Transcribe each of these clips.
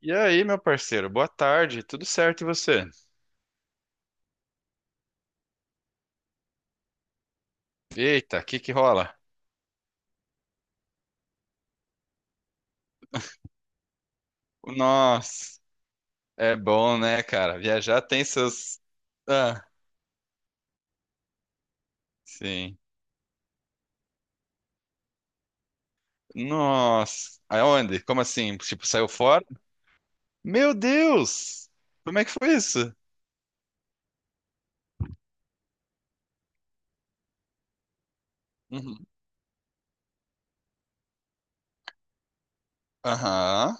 E aí, meu parceiro, boa tarde, tudo certo e você? Eita, o que que rola? Nossa, é bom, né, cara? Viajar tem seus. Ah, sim. Nossa, aonde? Como assim? Tipo, saiu fora? Meu Deus! Como é que foi isso? Uhum. Aham,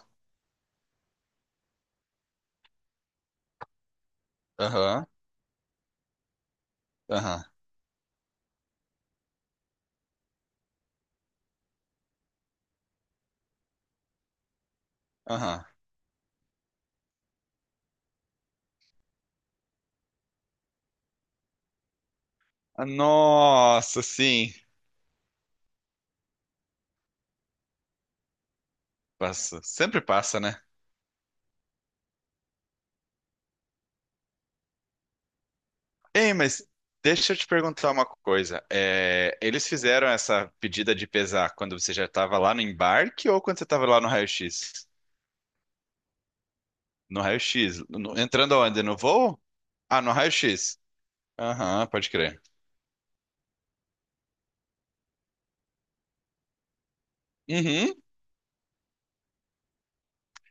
aham, aham, aham. Ah, nossa, sim. Passa. Sempre passa, né? Ei, mas deixa eu te perguntar uma coisa. É, eles fizeram essa pedida de pesar quando você já estava lá no embarque ou quando você estava lá no raio-x? No raio-x. No- Entrando aonde? No voo? Ah, no raio-x. Aham, pode crer. Uhum.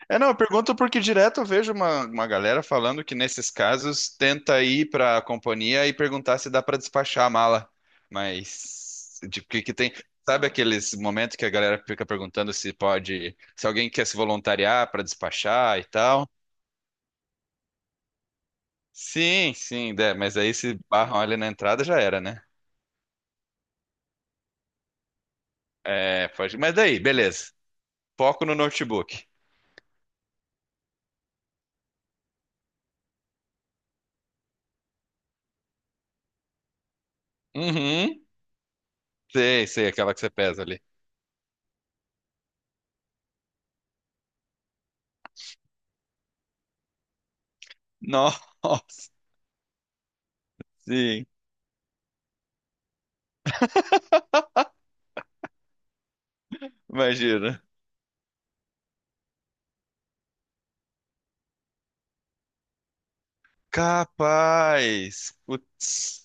É, não, eu pergunto porque direto eu vejo uma galera falando que nesses casos tenta ir para a companhia e perguntar se dá para despachar a mala. Mas de que tem, sabe aqueles momentos que a galera fica perguntando se pode, se alguém quer se voluntariar para despachar e tal? Sim, sim, é, mas aí se barram ali na entrada já era, né? É, pode, mas daí, beleza. Foco no notebook. Uhum. Sei, sei, aquela que você pesa ali. Nossa, sim, imagina. Capaz. Putz.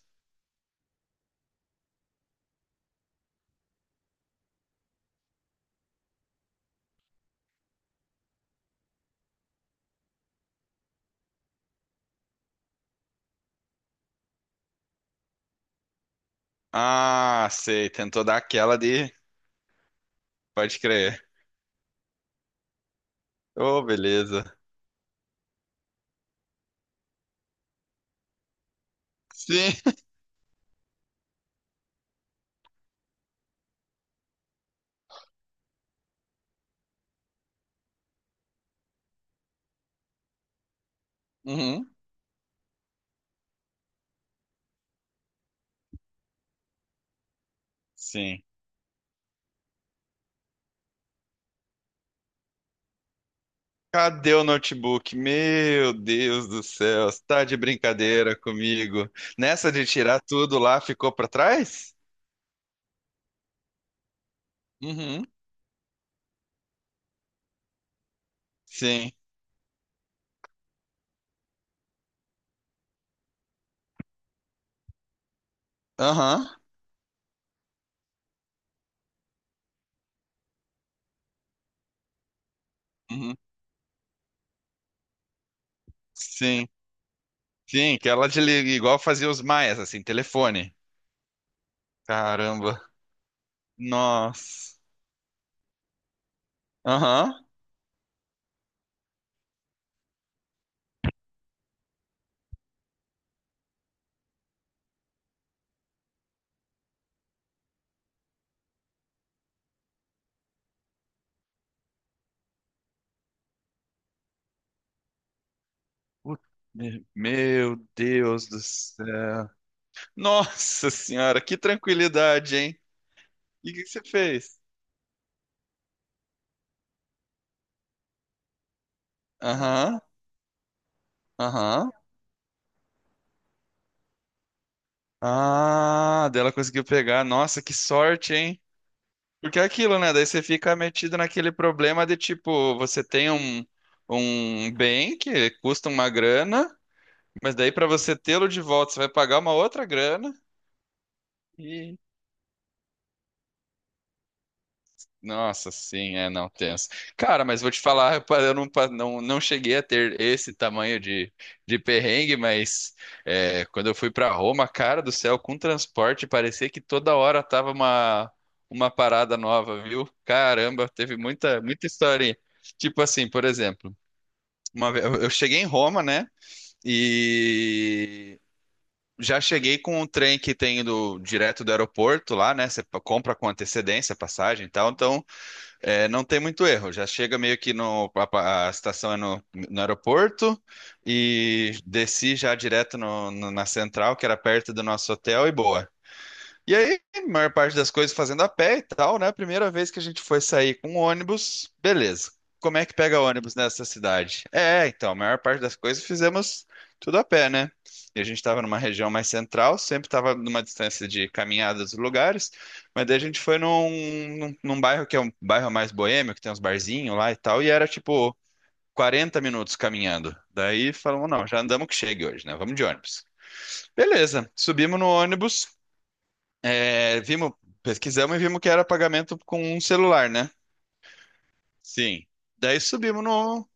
Ah, sei. Tentou dar aquela de. Pode crer. Oh, beleza. Sim. Uhum. Sim. Cadê o notebook? Meu Deus do céu. Você tá de brincadeira comigo. Nessa de tirar tudo lá, ficou pra trás? Uhum. Sim. Aham. Uhum. Sim. Sim, que ela desliga, igual fazia os maias, assim, telefone. Caramba. Nossa. Aham. Putz, me- Meu Deus do céu. Nossa senhora, que tranquilidade, hein? E o que que você fez? Aham, aham. Ah, dela conseguiu pegar. Nossa, que sorte, hein? Porque é aquilo, né? Daí você fica metido naquele problema de tipo, você tem um, um bem que custa uma grana, mas daí pra você tê-lo de volta, você vai pagar uma outra grana. Nossa, sim, é não tenso. Cara, mas vou te falar, eu não cheguei a ter esse tamanho de perrengue, mas é, quando eu fui para Roma, cara do céu, com transporte, parecia que toda hora tava uma parada nova, viu? Caramba, teve muita, muita historinha. Tipo assim, por exemplo, uma vez, eu cheguei em Roma, né? E já cheguei com um trem que tem do direto do aeroporto lá, né? Você compra com antecedência a passagem e tal, então. É, não tem muito erro. Já chega meio que no. A estação é no aeroporto e desci já direto na central, que era perto do nosso hotel, e boa. E aí, a maior parte das coisas fazendo a pé e tal, né? Primeira vez que a gente foi sair com um ônibus, beleza. Como é que pega ônibus nessa cidade? É, então, a maior parte das coisas fizemos tudo a pé, né? E a gente estava numa região mais central, sempre estava numa distância de caminhada dos lugares, mas daí a gente foi num bairro que é um bairro mais boêmio, que tem uns barzinhos lá e tal, e era tipo 40 minutos caminhando. Daí falamos, não, já andamos que chegue hoje, né? Vamos de ônibus. Beleza, subimos no ônibus. É, vimos, pesquisamos e vimos que era pagamento com um celular, né? Sim. Daí subimos no.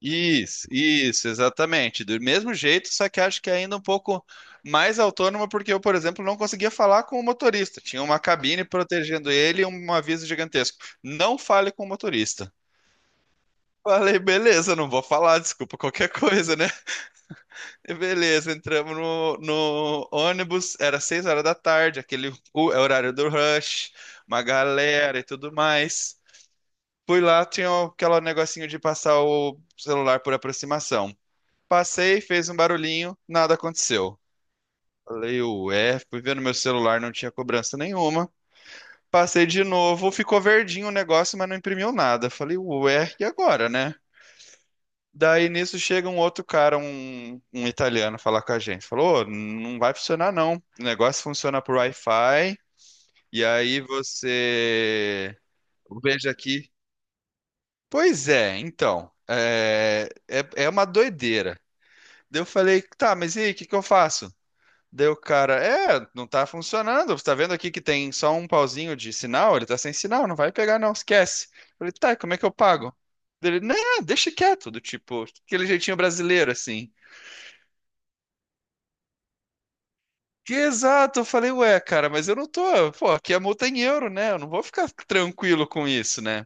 Isso, exatamente. Do mesmo jeito, só que acho que ainda um pouco mais autônoma, porque eu, por exemplo, não conseguia falar com o motorista. Tinha uma cabine protegendo ele e um aviso gigantesco. Não fale com o motorista. Falei, beleza, não vou falar, desculpa qualquer coisa, né? Beleza, entramos no ônibus, era 6 horas da tarde, aquele o- é o horário do rush, uma galera e tudo mais. Fui lá, tinha aquele negocinho de passar o celular por aproximação. Passei, fez um barulhinho, nada aconteceu. Falei, ué, fui ver no meu celular, não tinha cobrança nenhuma. Passei de novo, ficou verdinho o negócio, mas não imprimiu nada. Falei, ué, e agora, né? Daí nisso chega um outro cara, um italiano, falar com a gente. Falou: "Ô, não vai funcionar não. O negócio funciona por Wi-Fi. E aí você. Veja aqui. Pois é, então. É uma doideira. Daí eu falei: tá, mas e aí, o que que eu faço? Daí o cara: é, não tá funcionando. Você tá vendo aqui que tem só um pauzinho de sinal? Ele tá sem sinal, não vai pegar não, esquece. Eu falei: tá, e como é que eu pago? Daí ele: não, deixa quieto, do tipo, aquele jeitinho brasileiro assim. Que exato, eu falei, ué, cara, mas eu não tô, pô, aqui a multa é em euro, né? Eu não vou ficar tranquilo com isso, né?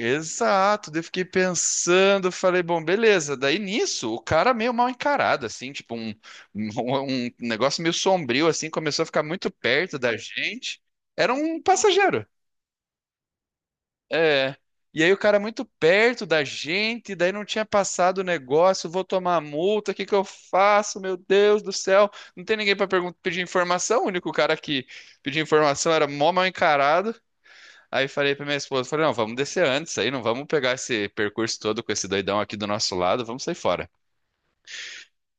Exato, daí eu fiquei pensando, falei, bom, beleza. Daí nisso, o cara meio mal encarado, assim, tipo um, um, um negócio meio sombrio, assim, começou a ficar muito perto da gente. Era um passageiro, é. E aí o cara é muito perto da gente, daí não tinha passado o negócio, vou tomar multa, o que que eu faço? Meu Deus do céu. Não tem ninguém para pedir informação, o único cara que pedia informação era mó mal encarado. Aí falei pra minha esposa, falei, não, vamos descer antes aí, não vamos pegar esse percurso todo com esse doidão aqui do nosso lado, vamos sair fora.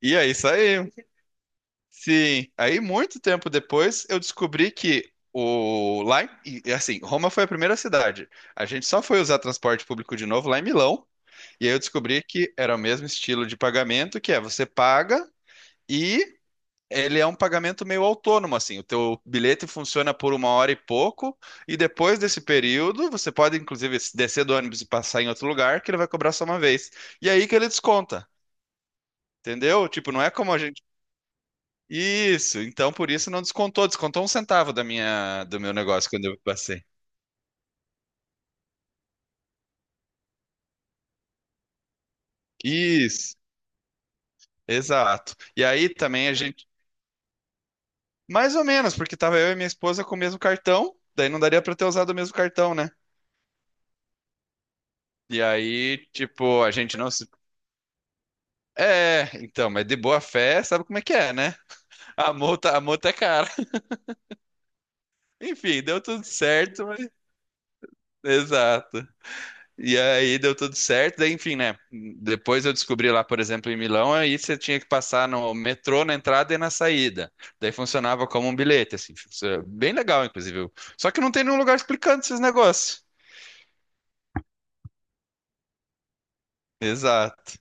E aí saí. Sim. Aí muito tempo depois eu descobri que o lá, em- e assim, Roma foi a primeira cidade. A gente só foi usar transporte público de novo lá em Milão e aí eu descobri que era o mesmo estilo de pagamento, que é você paga e ele é um pagamento meio autônomo, assim. O teu bilhete funciona por uma hora e pouco, e depois desse período, você pode, inclusive, descer do ônibus e passar em outro lugar, que ele vai cobrar só uma vez. E aí que ele desconta, entendeu? Tipo, não é como a gente. Isso, então por isso não descontou, descontou um centavo da minha, do meu negócio quando eu passei. Isso, exato. E aí também a gente mais ou menos, porque tava eu e minha esposa com o mesmo cartão, daí não daria pra ter usado o mesmo cartão, né? E aí, tipo, a gente não se. É, então, mas de boa fé, sabe como é que é, né? A multa é cara. Enfim, deu tudo certo, mas... Exato. E aí deu tudo certo, daí, enfim, né? Depois eu descobri lá, por exemplo, em Milão, aí você tinha que passar no metrô na entrada e na saída. Daí funcionava como um bilhete, assim, bem legal, inclusive. Só que não tem nenhum lugar explicando esses negócios. Exato.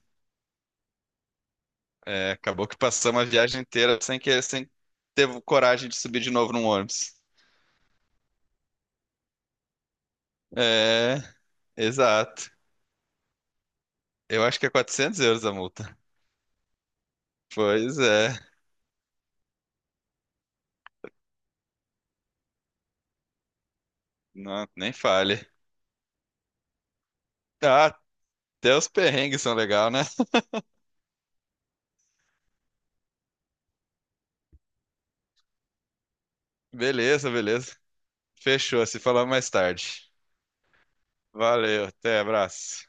É, acabou que passamos a viagem inteira sem ter coragem de subir de novo num ônibus. É, exato. Eu acho que é 400 euros a multa. Pois é, não, nem fale. Ah, até os perrengues são legal, né? Beleza, beleza. Fechou, se falamos mais tarde. Valeu, até, abraço.